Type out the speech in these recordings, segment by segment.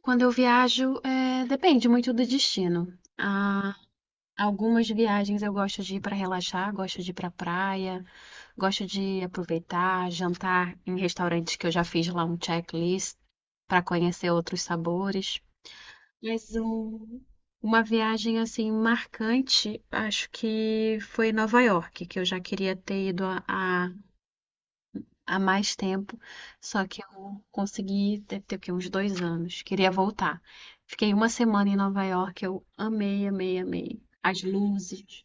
Quando eu viajo, depende muito do destino. Há algumas viagens eu gosto de ir para relaxar, gosto de ir para praia, gosto de aproveitar, jantar em restaurantes que eu já fiz lá um checklist para conhecer outros sabores. Mas uma viagem assim marcante, acho que foi Nova York, que eu já queria ter ido a há mais tempo, só que eu consegui, deve ter o quê? Uns 2 anos. Queria voltar. Fiquei uma semana em Nova York, eu amei, amei, amei. As luzes.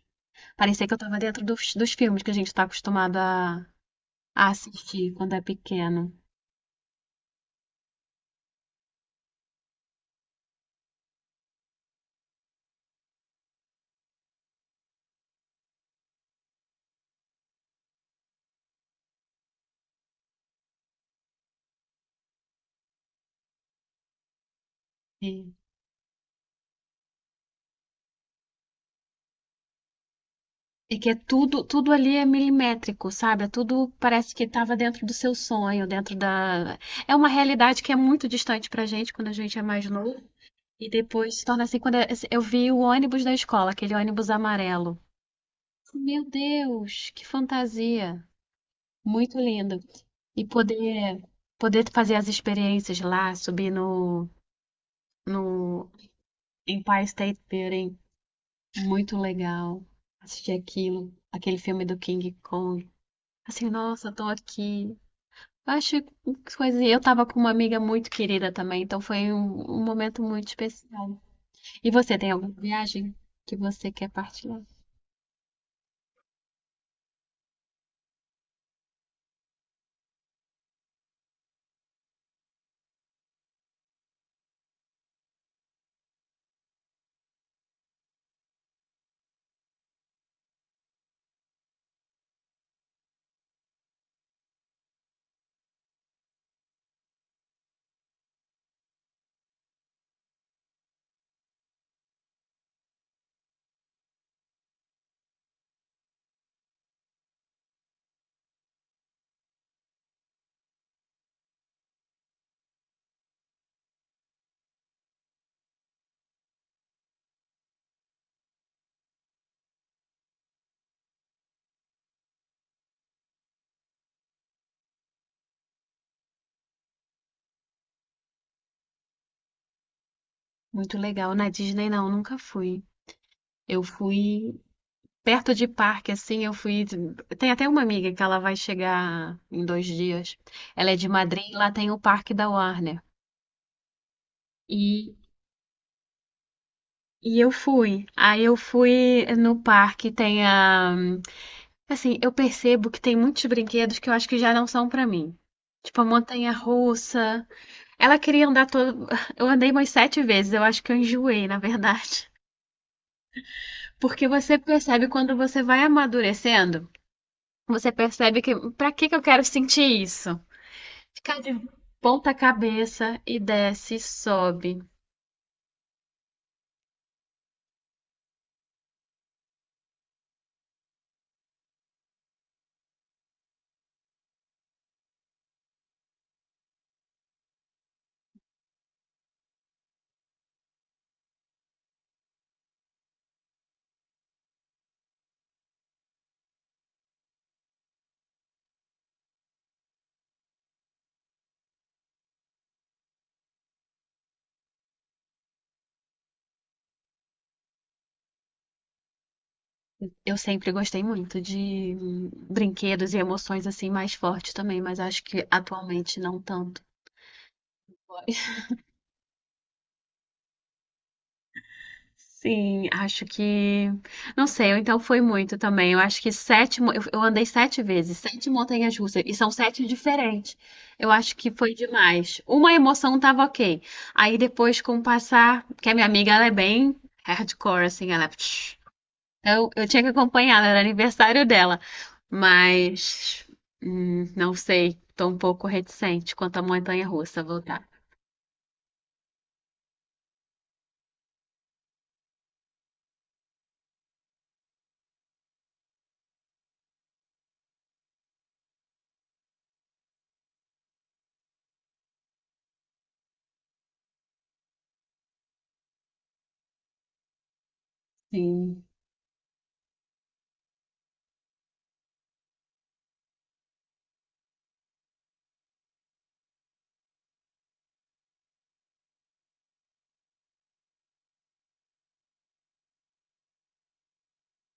Parecia que eu estava dentro dos filmes que a gente está acostumado a assistir quando é pequeno. E, e que é tudo, tudo ali é milimétrico, sabe? É tudo parece que estava dentro do seu sonho, dentro da. É uma realidade que é muito distante pra gente quando a gente é mais novo. E depois se torna assim quando eu vi o ônibus da escola, aquele ônibus amarelo. Meu Deus, que fantasia! Muito lindo. E poder fazer as experiências lá, subir no Empire State Building, muito legal. Assistir aquilo, aquele filme do King Kong. Assim, nossa, tô aqui. Eu acho que coisa. Eu tava com uma amiga muito querida também, então foi um momento muito especial. E você tem alguma viagem que você quer partilhar? Muito legal. Na Disney, não, nunca fui. Eu fui perto de parque, assim, eu fui. Tem até uma amiga que ela vai chegar em 2 dias. Ela é de Madrid, e lá tem o parque da Warner. E, e eu fui. Aí eu fui no parque, tem a. Assim, eu percebo que tem muitos brinquedos que eu acho que já não são pra mim. Tipo, a montanha-russa. Ela queria andar todo. Eu andei umas sete vezes, eu acho que eu enjoei, na verdade. Porque você percebe quando você vai amadurecendo. Você percebe que pra que que eu quero sentir isso? Ficar de ponta cabeça e desce e sobe. Eu sempre gostei muito de brinquedos e emoções assim mais fortes também, mas acho que atualmente não tanto. Sim, acho que. Não sei, ou então foi muito também. Eu acho que sete. Eu andei sete vezes, sete montanhas-russas, e são sete diferentes. Eu acho que foi demais. Uma emoção tava ok. Aí depois, com o passar. Porque a minha amiga, ela é bem hardcore, assim, ela. Eu tinha que acompanhar, era aniversário dela. Mas. Não sei, tô um pouco reticente quanto à montanha-russa voltar. Sim,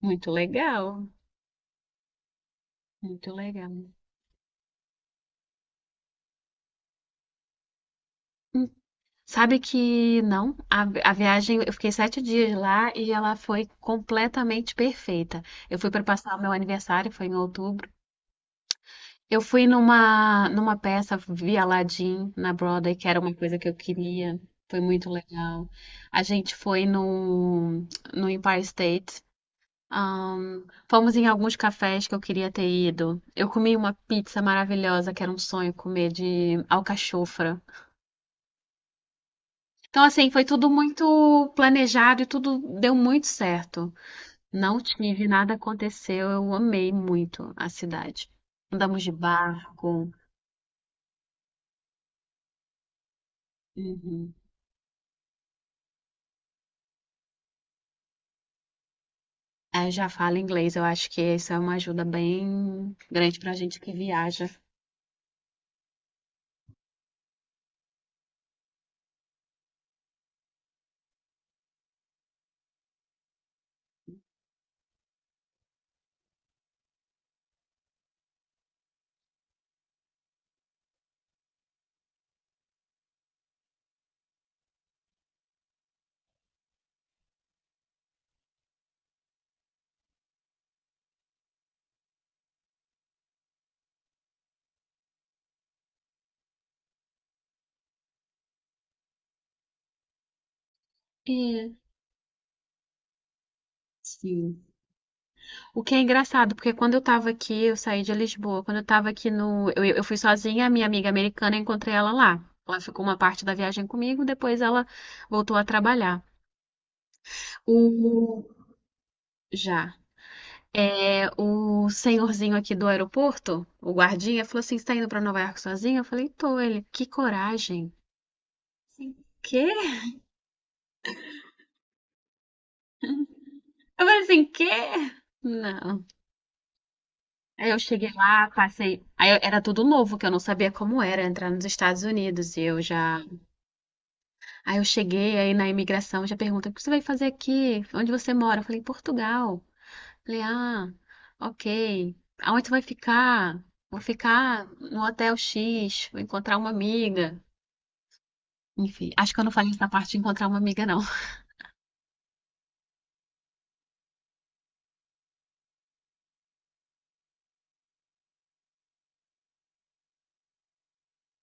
muito legal, muito legal. Sabe que não, a viagem, eu fiquei 7 dias lá e ela foi completamente perfeita. Eu fui para passar o meu aniversário, foi em outubro. Eu fui numa peça, vi Aladdin na Broadway, que era uma coisa que eu queria. Foi muito legal. A gente foi no Empire State. Ahn, fomos em alguns cafés que eu queria ter ido. Eu comi uma pizza maravilhosa, que era um sonho comer de alcachofra. Então, assim, foi tudo muito planejado e tudo deu muito certo. Não tive, nada aconteceu, eu amei muito a cidade. Andamos de barco. Uhum. Aí eu já falo inglês, eu acho que isso é uma ajuda bem grande pra gente que viaja. É, sim. O que é engraçado, porque quando eu tava aqui, eu saí de Lisboa. Quando eu tava aqui no. Eu fui sozinha, a minha amiga americana, eu encontrei ela lá. Ela ficou uma parte da viagem comigo, depois ela voltou a trabalhar. O. Já. É, o senhorzinho aqui do aeroporto, o guardinha, falou assim: Você tá indo pra Nova York sozinho? Eu falei: Tô. Ele, que coragem. Assim, quê? Eu falei assim: Quê? Não. Aí eu cheguei lá, passei. Era tudo novo, que eu não sabia como era entrar nos Estados Unidos. E eu já. Aí eu cheguei aí na imigração, já pergunta: O que você vai fazer aqui? Onde você mora? Eu falei: Portugal. Falei: Ah, ok. Aonde você vai ficar? Vou ficar no hotel X, vou encontrar uma amiga. Enfim, acho que eu não falei essa parte de encontrar uma amiga, não.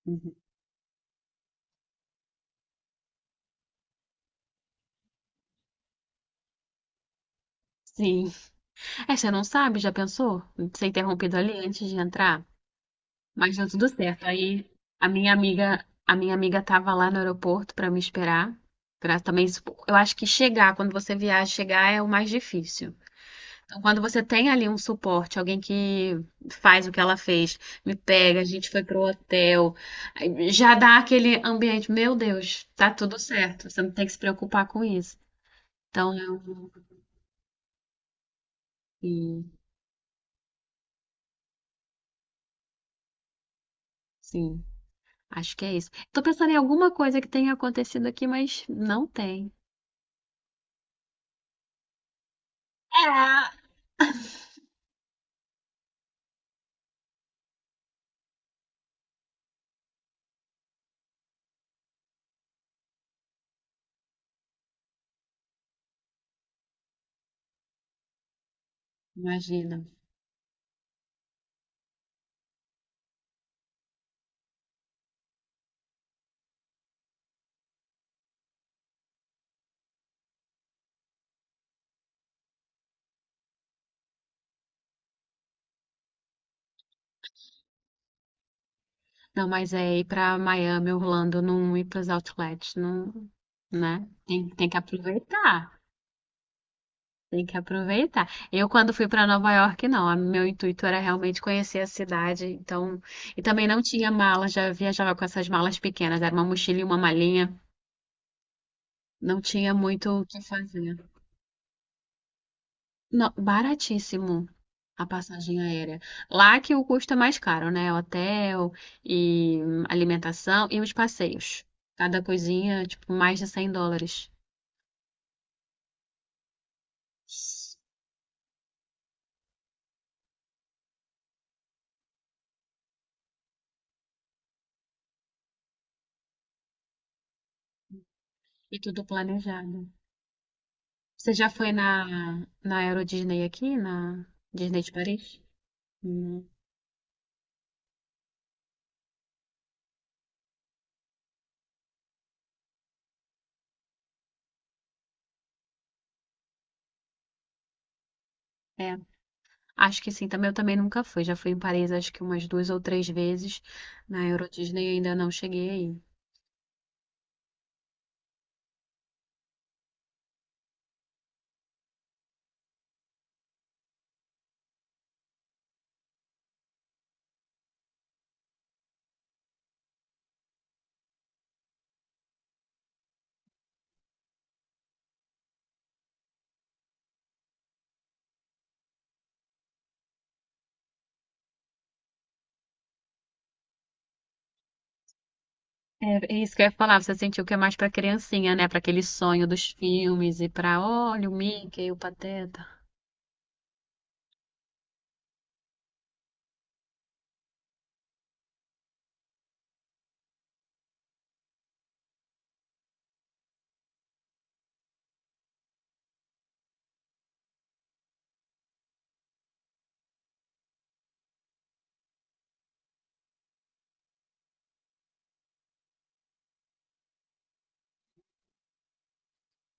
Uhum. Sim. É, você não sabe, já pensou? Ser interrompido ali antes de entrar? Mas deu tudo certo. Aí a minha amiga tava lá no aeroporto para me esperar. Pra também, eu acho que chegar, quando você viaja, chegar é o mais difícil. Então, quando você tem ali um suporte, alguém que faz o que ela fez, me pega, a gente foi pro hotel, aí já dá aquele ambiente, meu Deus, tá tudo certo, você não tem que se preocupar com isso. Então, eu. Sim, sim. Acho que é isso. Tô pensando em alguma coisa que tenha acontecido aqui, mas não tem. É, imagina. Não, mas é ir pra Miami, Orlando, não ir pros outlets, não, né? Tem, tem que aproveitar. Tem que aproveitar. Eu, quando fui pra Nova York, não. Meu intuito era realmente conhecer a cidade. Então, e também não tinha mala, já viajava com essas malas pequenas. Era uma mochila e uma malinha. Não tinha muito o que fazer. Não, baratíssimo. A passagem aérea. Lá que o custo é mais caro, né? Hotel e alimentação e os passeios. Cada coisinha, tipo, mais de US$ 100. E tudo planejado. Você já foi na Euro Disney aqui, na Disney de Paris? Hum, é, acho que sim. Também eu também nunca fui. Já fui em Paris, acho que umas duas ou três vezes. Na Euro Disney ainda não cheguei aí. É isso que eu ia falar, você sentiu que é mais pra criancinha, né? Pra aquele sonho dos filmes e pra, olha, o Mickey, o Pateta.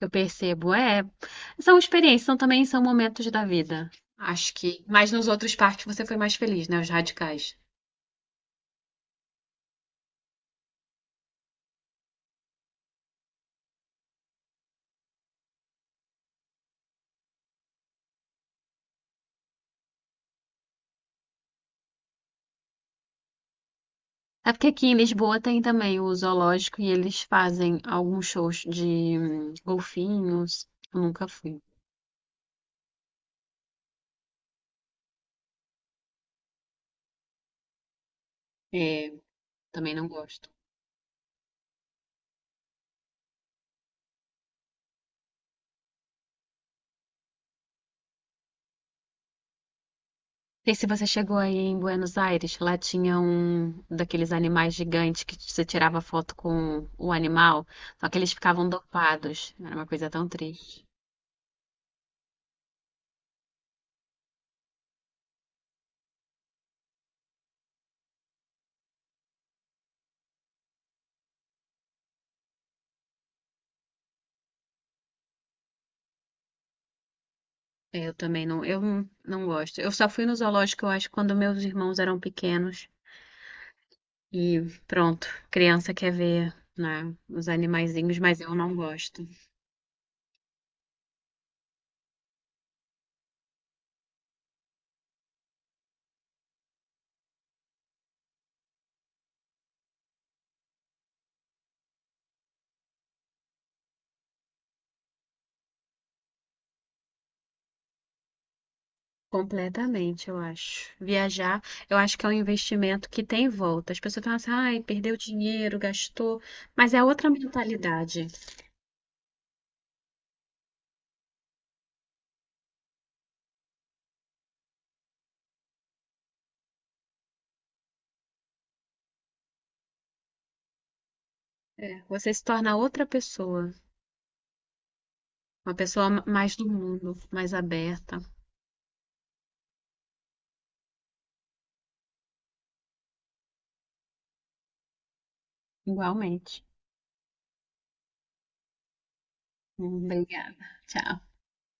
Eu percebo, é, são experiências, são também são momentos da vida. Acho que, mas nos outros parques você foi mais feliz, né? Os radicais. É porque aqui em Lisboa tem também o zoológico e eles fazem alguns shows de golfinhos. Eu nunca fui. É, também não gosto. Sei se você chegou aí em Buenos Aires, lá tinha um daqueles animais gigantes que você tirava foto com o animal, só que eles ficavam dopados. Era uma coisa tão triste. Eu também não, eu não gosto. Eu só fui no zoológico, eu acho, quando meus irmãos eram pequenos. E pronto, criança quer ver, né, os animaizinhos, mas eu não gosto. Completamente, eu acho. Viajar, eu acho que é um investimento que tem volta. As pessoas falam assim, ai, perdeu dinheiro, gastou, mas é outra mentalidade. É, você se torna outra pessoa, uma pessoa mais do mundo, mais aberta. Igualmente. Obrigada. Tchau.